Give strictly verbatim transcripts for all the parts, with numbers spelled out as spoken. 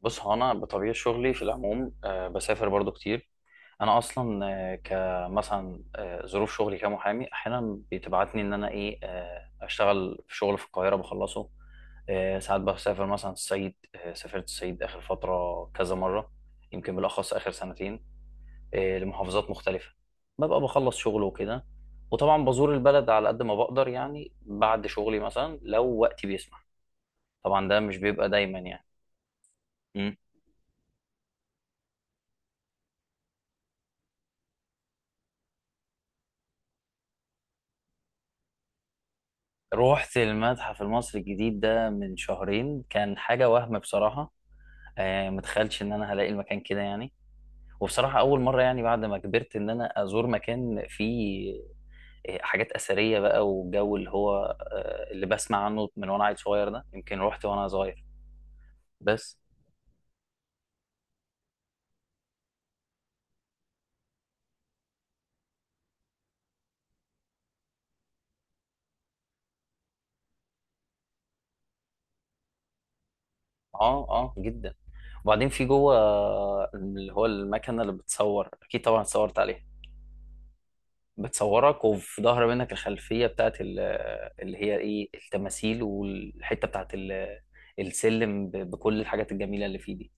بص، هو انا بطبيعه شغلي في العموم، آه، بسافر برضو كتير. انا اصلا آه، كمثلا آه، ظروف شغلي كمحامي احيانا بتبعتني ان انا ايه آه، اشتغل في شغل في القاهره بخلصه. آه، ساعات بسافر مثلا الصعيد. آه، سافرت الصعيد اخر فتره كذا مره. يمكن بالاخص اخر سنتين. آه، لمحافظات مختلفه. ببقى بخلص شغل وكده. وطبعا بزور البلد على قد ما بقدر، يعني بعد شغلي مثلا لو وقتي بيسمح. طبعا ده مش بيبقى دايما يعني. روحت المتحف المصري الجديد ده من شهرين، كان حاجة وهم بصراحة. آه متخيلش ان انا هلاقي المكان كده يعني. وبصراحة اول مرة، يعني بعد ما كبرت ان انا ازور مكان فيه آه، حاجات اثرية بقى. والجو اللي هو آه اللي بسمع عنه من وانا عيل صغير، ده يمكن روحت وانا صغير بس. اه، اه، جدا. وبعدين في جوه، آه، اللي هو المكنة اللي بتصور، اكيد طبعا اتصورت عليها. بتصورك، وفي ظهر منك الخلفية بتاعت ال- اللي هي ايه التماثيل، والحتة بتاعت ال- السلم ب- بكل الحاجات الجميلة اللي فيه دي.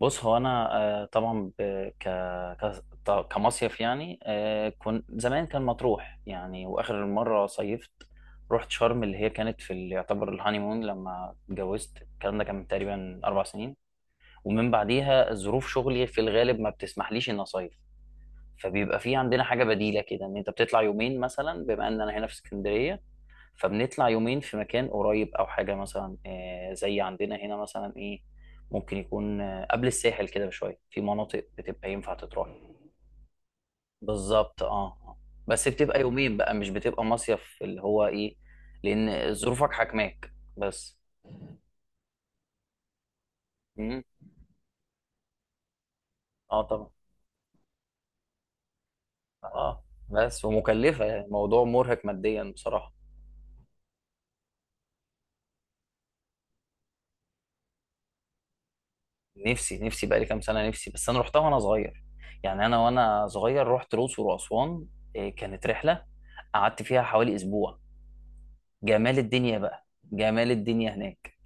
بص، هو انا آه، طبعا ب- ك ك- ط- كمصيف يعني. آه، كنت زمان كان مطروح يعني، واخر مرة صيفت رحت شرم اللي هي كانت في ال- يعتبر الهانيمون لما اتجوزت، الكلام ده كان من تقريبا اربع سنين. ومن بعديها ظروف شغلي في الغالب ما بتسمحليش اني اصيف. فبيبقى في عندنا حاجه بديله كده، ان انت بتطلع يومين مثلا، بما ان انا هنا في اسكندريه، فبنطلع يومين في مكان قريب او حاجه، مثلا آه، زي عندنا هنا مثلا ايه، ممكن يكون آه، قبل الساحل كده بشويه، في مناطق بتبقى ينفع تتروح. بالظبط، اه. آه. بس بتبقى يومين بقى، مش بتبقى مصيف اللي هو ايه، لان ظروفك حاكماك بس. مم. اه، طبعا. اه. بس ومكلفه، يعني الموضوع مرهق ماديا بصراحه. نفسي نفسي بقالي كام سنة، نفسي. بس أنا روحتها وأنا صغير، يعني أنا وأنا صغير رحت الأقصر وأسوان. إيه، كانت رحلة قعدت فيها حوالي أسبوع، جمال الدنيا بقى. جمال الدنيا هناك.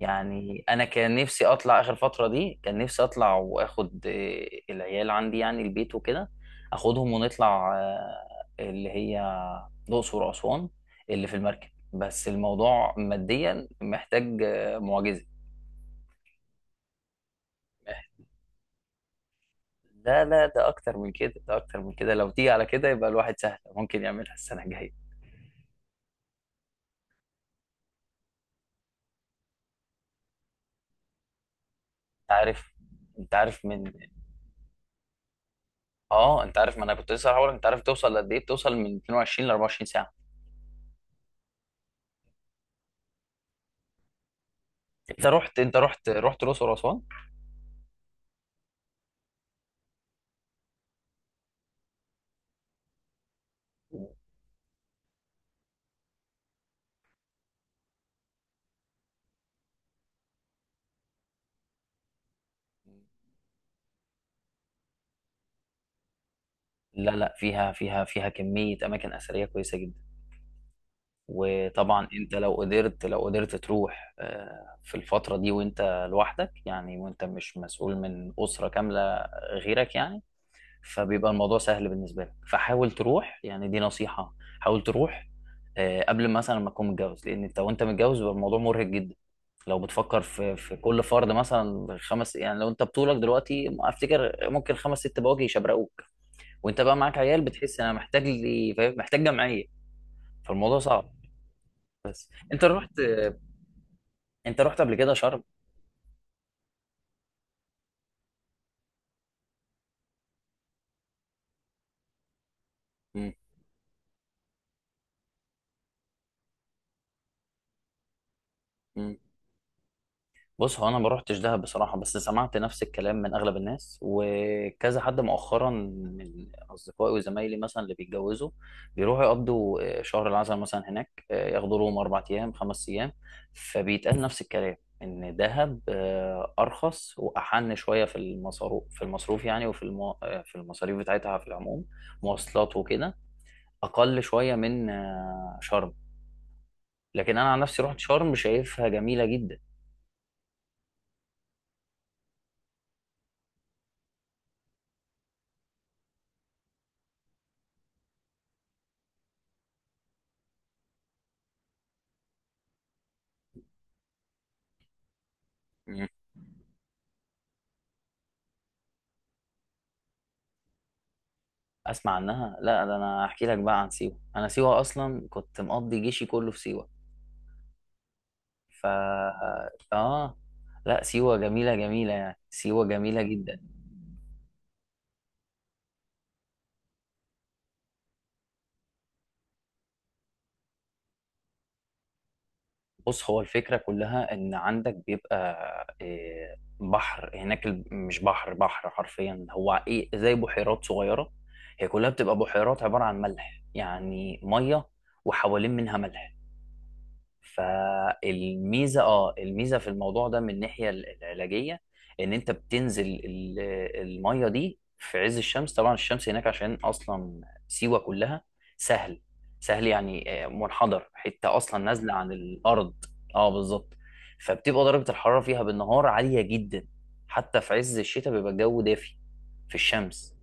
يعني أنا كان نفسي أطلع آخر فترة دي، كان نفسي أطلع وآخد إيه، العيال عندي يعني، البيت وكده، أخدهم ونطلع آه، اللي هي الأقصر وأسوان، اللي في المركب. بس الموضوع ماديا محتاج آه، معجزة. لا، لا، ده اكتر من كده، ده اكتر من كده. لو تيجي على كده يبقى الواحد سهل ممكن يعملها السنه الجايه. انت عارف، انت عارف من... اه، انت عارف، ما انا كنت لسه هقول انت عارف توصل لقد ايه، بتوصل من اتنين وعشرين ل اربعه وعشرين ساعه. انت رحت انت رحت رحت الاقصر واسوان؟ لا، لا، فيها فيها فيها كميه اماكن اثريه كويسه جدا. وطبعا انت لو قدرت لو قدرت تروح آه، في الفتره دي، وانت لوحدك يعني، وانت مش مسؤول من اسره كامله غيرك يعني، فبيبقى الموضوع سهل بالنسبه لك، فحاول تروح يعني، دي نصيحه. حاول تروح آه، قبل مثلا ما تكون متجوز، لان انت وانت متجوز بيبقى الموضوع مرهق جدا. لو بتفكر في في كل فرد مثلا خمس، يعني لو انت بطولك دلوقتي افتكر ممكن خمس ست بواجي يشبرقوك، وانت بقى معاك عيال، بتحس انا محتاج لي، فاهم؟ محتاج جمعيه، فالموضوع صعب. بس انت رحت انت رحت قبل كده شرم؟ مم. مم. بص، هو انا ما روحتش دهب بصراحه، بس سمعت نفس الكلام من اغلب الناس وكذا حد مؤخرا من اصدقائي وزمايلي مثلا، اللي بيتجوزوا بيروحوا يقضوا آه، شهر العسل مثلا هناك، آه، ياخدوا لهم اربع ايام خمس ايام. فبيتقال نفس الكلام، ان دهب آه، ارخص واحن شويه في المصروف في المصروف يعني، وفي المو... آه، في المصاريف بتاعتها في العموم، مواصلات وكده، اقل شويه من آه، شرم. لكن انا عن نفسي رحت شرم، شايفها جميله جدا. اسمع عنها؟ لا، ده انا احكي لك بقى عن سيوه. انا سيوه اصلا كنت مقضي جيشي كله في سيوه، ف اه. لا، سيوه جميله جميله يعني، سيوه جميله جدا. بص، هو الفكره كلها ان عندك بيبقى إيه، بحر هناك، ال- مش بحر بحر حرفيا، هو ايه زي بحيرات صغيره، هي كلها بتبقى بحيرات عباره عن ملح يعني، ميه وحوالين منها ملح. فالميزه، اه الميزه في الموضوع ده من الناحيه ال- العلاجيه، ان انت بتنزل ال- الميه دي في عز الشمس. طبعا الشمس هناك عشان اصلا سيوه كلها سهل. سهل يعني آه، منحدر، حته اصلا نازله عن الارض. اه، بالظبط. فبتبقى درجه الحراره فيها بالنهار عاليه جدا، حتى في عز الشتاء بيبقى الجو دافي في الشمس.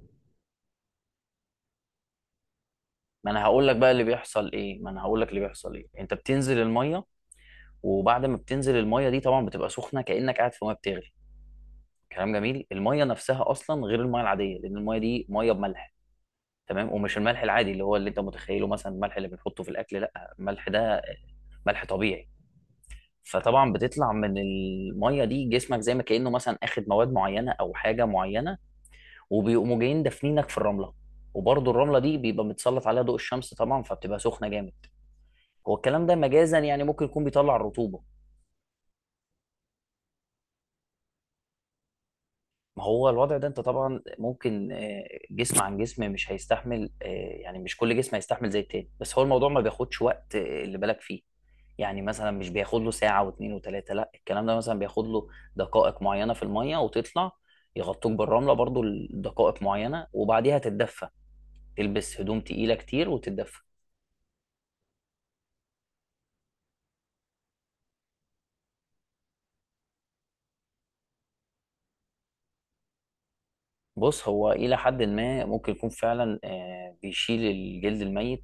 ما انا هقول لك بقى اللي بيحصل ايه ما انا هقول لك اللي بيحصل ايه، انت بتنزل الميه، وبعد ما بتنزل الميه دي طبعا بتبقى سخنه كانك قاعد في ميه بتغلي. كلام جميل، الميه نفسها اصلا غير الميه العاديه، لان الميه دي ميه بملح. تمام، ومش الملح العادي اللي هو اللي انت متخيله، مثلا الملح اللي بنحطه في الاكل، لا، الملح ده ملح طبيعي. فطبعا بتطلع من الميه دي، جسمك زي ما كانه مثلا اخد مواد معينه او حاجه معينه، وبيقوموا جايين دافنينك في الرمله. وبرضه الرمله دي بيبقى متسلط عليها ضوء الشمس طبعا، فبتبقى سخنه جامد. هو الكلام ده مجازا يعني، ممكن يكون بيطلع الرطوبه. ما هو الوضع ده انت طبعا ممكن آه، جسم عن جسم مش هيستحمل، آه، يعني مش كل جسم هيستحمل زي التاني. بس هو الموضوع ما بياخدش وقت آه، اللي بالك فيه، يعني مثلا مش بياخد له ساعة واتنين وتلاتة، لا، الكلام ده مثلا بياخد له دقائق معينة في المية وتطلع. يغطوك بالرملة برضو لدقائق معينة، وبعديها تتدفى، تلبس هدوم تقيلة كتير وتتدفى. بص، هو إلى حد ما ممكن يكون فعلا آه، بيشيل الجلد الميت،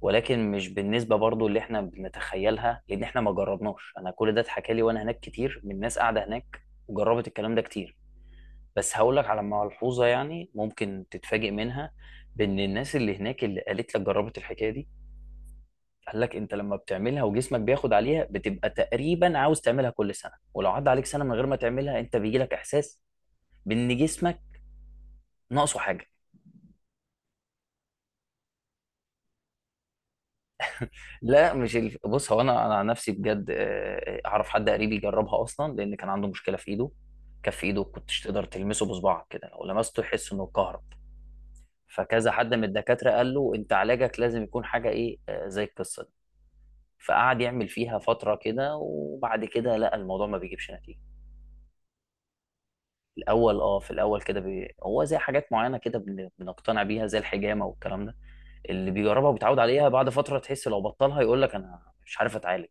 ولكن مش بالنسبه برضو اللي احنا بنتخيلها، لان احنا ما جربناش. انا كل ده اتحكى لي وانا هناك كتير من ناس قاعده هناك وجربت الكلام ده كتير. بس هقول لك على ملحوظه يعني، ممكن تتفاجئ منها، بان الناس اللي هناك اللي قالت لك جربت الحكايه دي، قال لك انت لما بتعملها وجسمك بياخد عليها، بتبقى تقريبا عاوز تعملها كل سنه، ولو عدى عليك سنه من غير ما تعملها، انت بيجي لك احساس بان جسمك ناقصه حاجه. لا مش الف... بص، هو انا انا عن نفسي بجد آه، اعرف حد قريب يجربها اصلا، لان كان عنده مشكله في ايده، كف ايده كنتش تقدر تلمسه بصبعك كده، لو لمسته يحس انه كهرب. فكذا حد من الدكاتره قال له انت علاجك لازم يكون حاجه ايه آه، زي القصه دي. فقعد يعمل فيها فتره كده، وبعد كده لقى الموضوع ما بيجيبش نتيجه. في الاول اه في الاول كده بي... هو زي حاجات معينه كده بن... بنقتنع بيها، زي الحجامه والكلام ده، اللي بيجربها وبيتعود عليها، بعد فتره تحس لو بطلها يقول لك انا مش عارف اتعالج.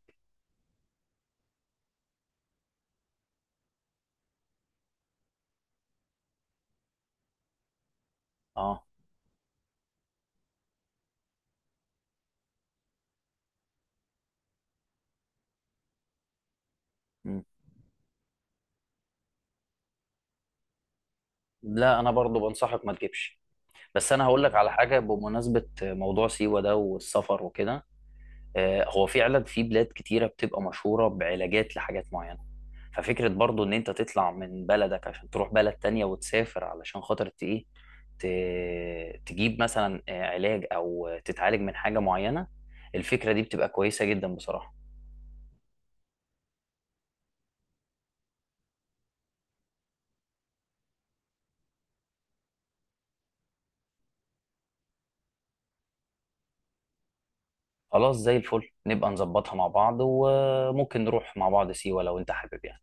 اه. لا، انا برضو بنصحك ما تجيبش. بس انا هقول لك على حاجه بمناسبه موضوع سيوه ده والسفر وكده، آه، هو فعلا في بلاد كتيره بتبقى مشهوره بعلاجات لحاجات معينه. ففكره برضو ان انت تطلع من بلدك عشان تروح بلد تانية وتسافر، علشان خاطر ت- ايه، ت- تجيب مثلا آه، علاج او تتعالج من حاجه معينه، الفكره دي بتبقى كويسه جدا بصراحه. خلاص، زي الفل، نبقى نظبطها مع بعض، وممكن نروح مع بعض سيوه لو انت حابب يعني.